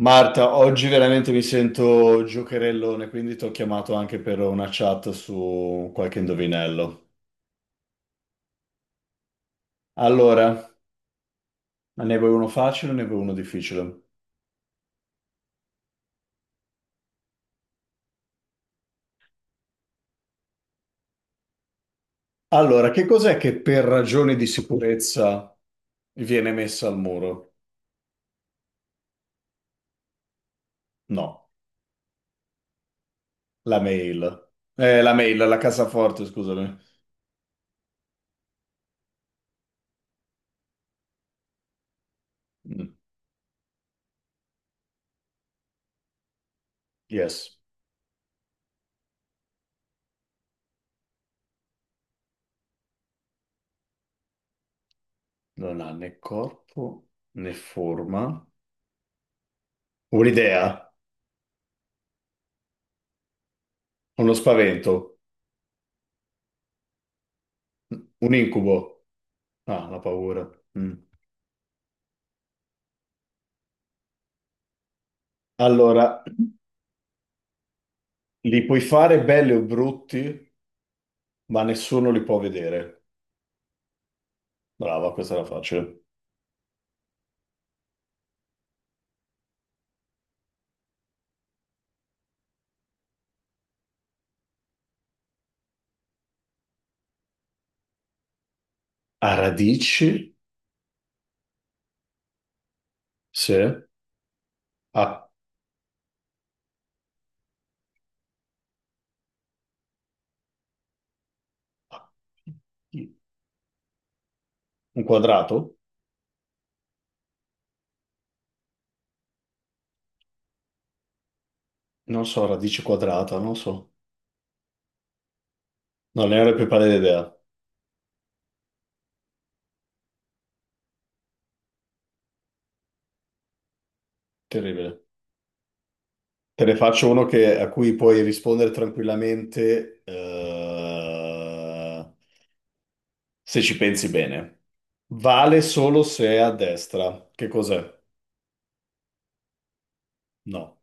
Marta, oggi veramente mi sento giocherellone, quindi ti ho chiamato anche per una chat su qualche indovinello. Allora, ne vuoi uno facile o ne vuoi uno difficile? Allora, che cos'è che per ragioni di sicurezza viene messa al muro? No, la mail. La mail, la cassaforte, scusami. Mm, yes, non ha né corpo né forma. Un'idea, uno spavento, un incubo. Ah, la paura. Mm. Allora, li puoi fare belli o brutti, ma nessuno li può vedere. Brava, questa era facile. A radici, sì. A, a- un quadrato? Non so, radice quadrata, non so. Non ne ho la più pallida idea. Terribile. Te ne faccio uno che- a cui puoi rispondere tranquillamente, se ci pensi bene. Vale solo se è a destra. Che cos'è? No.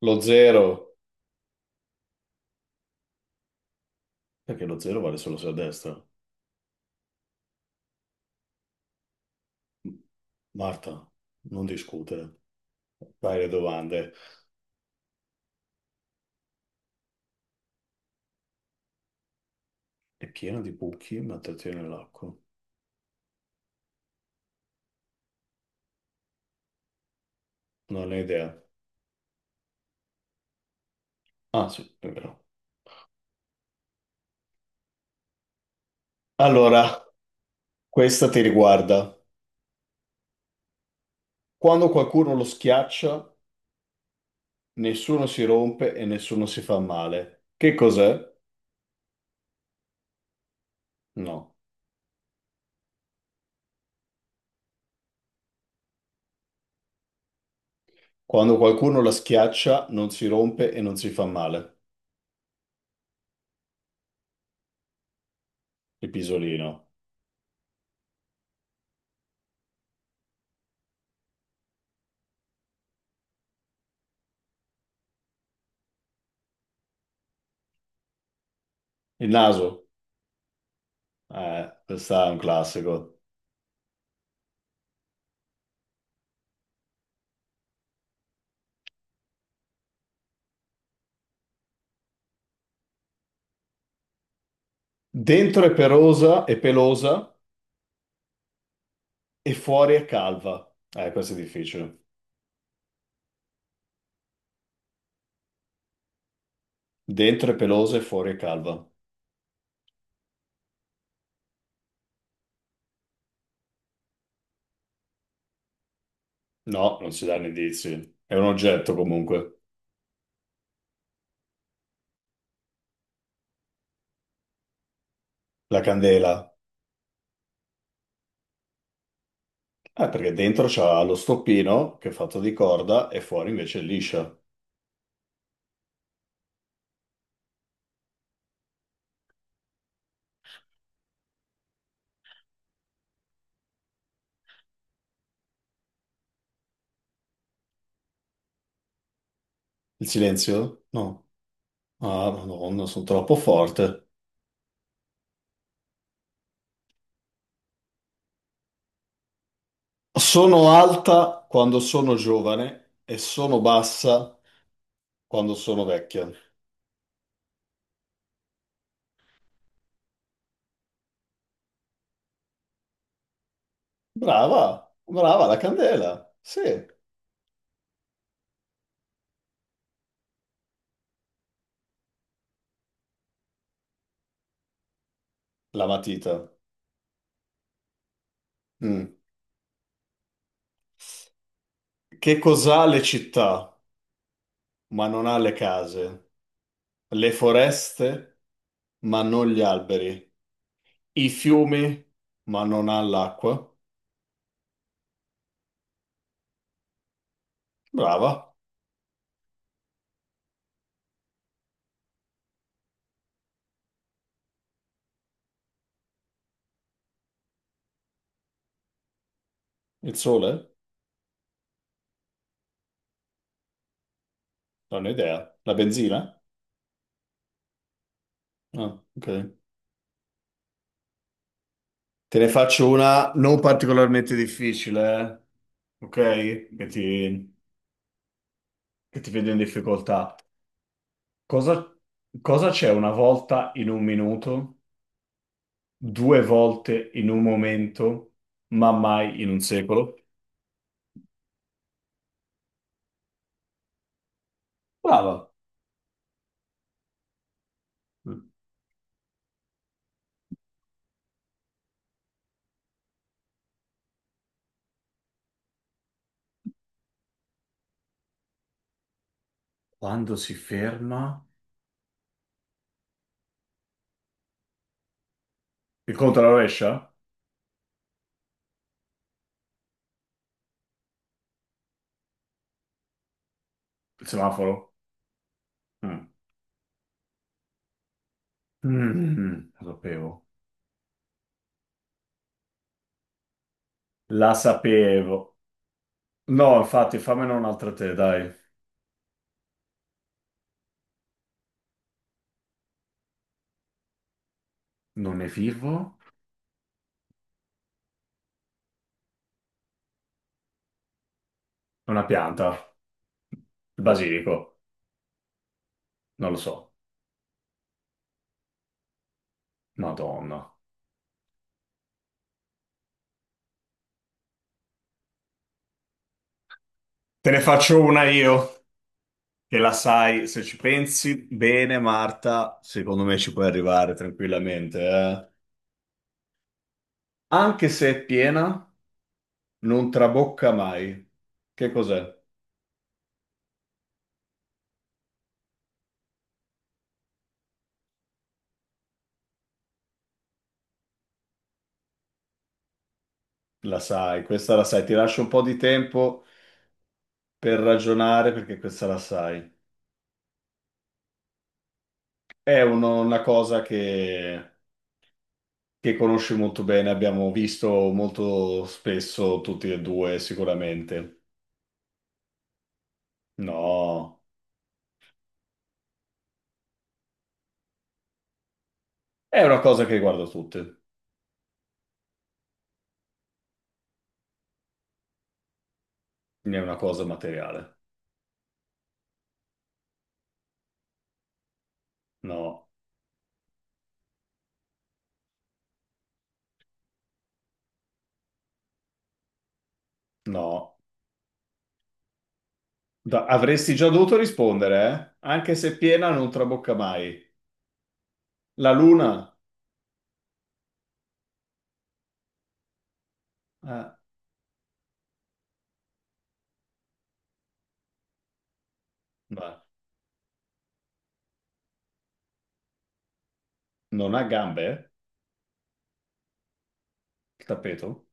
Lo zero. Perché lo zero vale solo se a destra. Marta, non discutere. Dai le domande. È piena di buchi, ma trattiene l'acqua. Non ho idea. Ah, sì, è vero. Allora, questa ti riguarda. Quando qualcuno lo schiaccia, nessuno si rompe e nessuno si fa male. Che cos'è? No. Quando qualcuno la schiaccia, non si rompe e non si fa male. Il pisolino. Il naso. Questa è un classico. Dentro è perosa e pelosa e fuori è calva. Questo è difficile. Dentro è pelosa e fuori è calva. No, non si danno indizi. È un oggetto comunque. La candela. Perché dentro c'ha lo stoppino che è fatto di corda e fuori invece è liscia. Il silenzio? No. Ah, Madonna, sono troppo forte. Sono alta quando sono giovane e sono bassa quando sono vecchia. Brava, brava la candela. Sì, la matita. Mm. Che cos'ha le città? Ma non ha le case, le foreste, ma non gli alberi, i fiumi, ma non ha l'acqua. Brava, il sole? Non ho idea. La benzina? Ah, ok. Te ne faccio una non particolarmente difficile, eh. Ok? Che ti, che ti vedo in difficoltà. Cosa cosa c'è una volta in un minuto, due volte in un momento, ma mai in un secolo? Brava. Quando si ferma? Il conto alla rovescia? Il semaforo? Mm. Mm, lo sapevo. La sapevo. No, infatti, fammene un'altra te, dai. Non è vivo? È una pianta. Il basilico. Non lo so. Madonna. Te ne faccio una io, che la sai, se ci pensi bene, Marta, secondo me ci puoi arrivare tranquillamente, eh. Anche se è piena, non trabocca mai. Che cos'è? La sai, questa la sai. Ti lascio un po' di tempo per ragionare perché questa la sai. È uno- una cosa che conosci molto bene, abbiamo visto molto spesso tutti e due, sicuramente. No, è una cosa che riguarda tutti, non è una cosa materiale. No, no. Da- avresti già dovuto rispondere, eh? Anche se piena non trabocca mai. La luna, eh, ma non ha gambe? Eh? Il tappeto?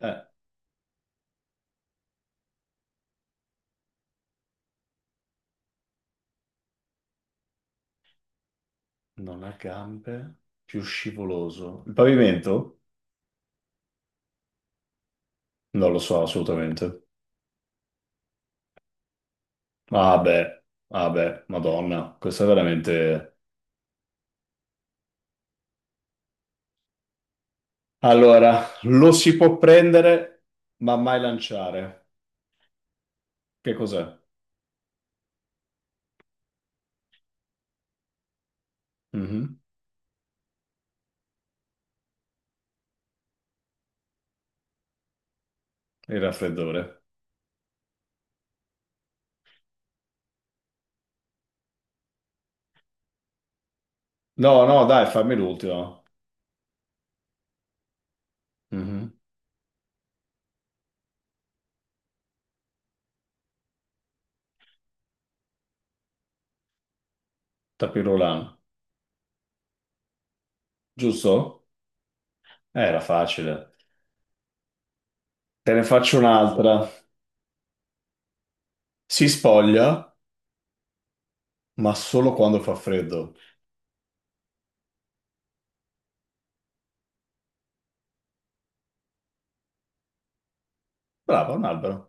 Eh. Non ha gambe, più scivoloso. Il pavimento? Non lo so assolutamente. Ah beh, ah beh, Madonna, questo è veramente... Allora, lo si può prendere, ma mai lanciare. Che cos'è? Mhm. Il raffreddore. No, no, dai, fammi l'ultimo. Mhm. Tapirulano. Giusto? Era facile. Te ne faccio un'altra. Si spoglia, ma solo quando fa freddo. Brava, un albero.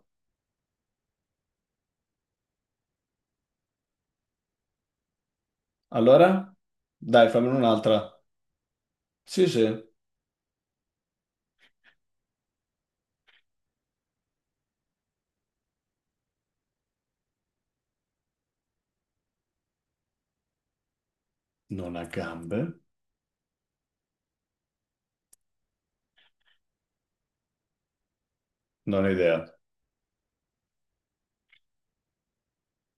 Allora? Dai, fammene un'altra. Sì, sì. Non ha gambe? Non ho idea.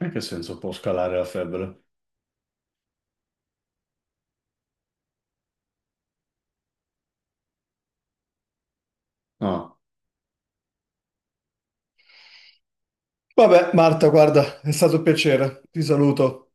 In che senso può scalare la febbre? No. Vabbè, Marta, guarda, è stato un piacere. Ti saluto.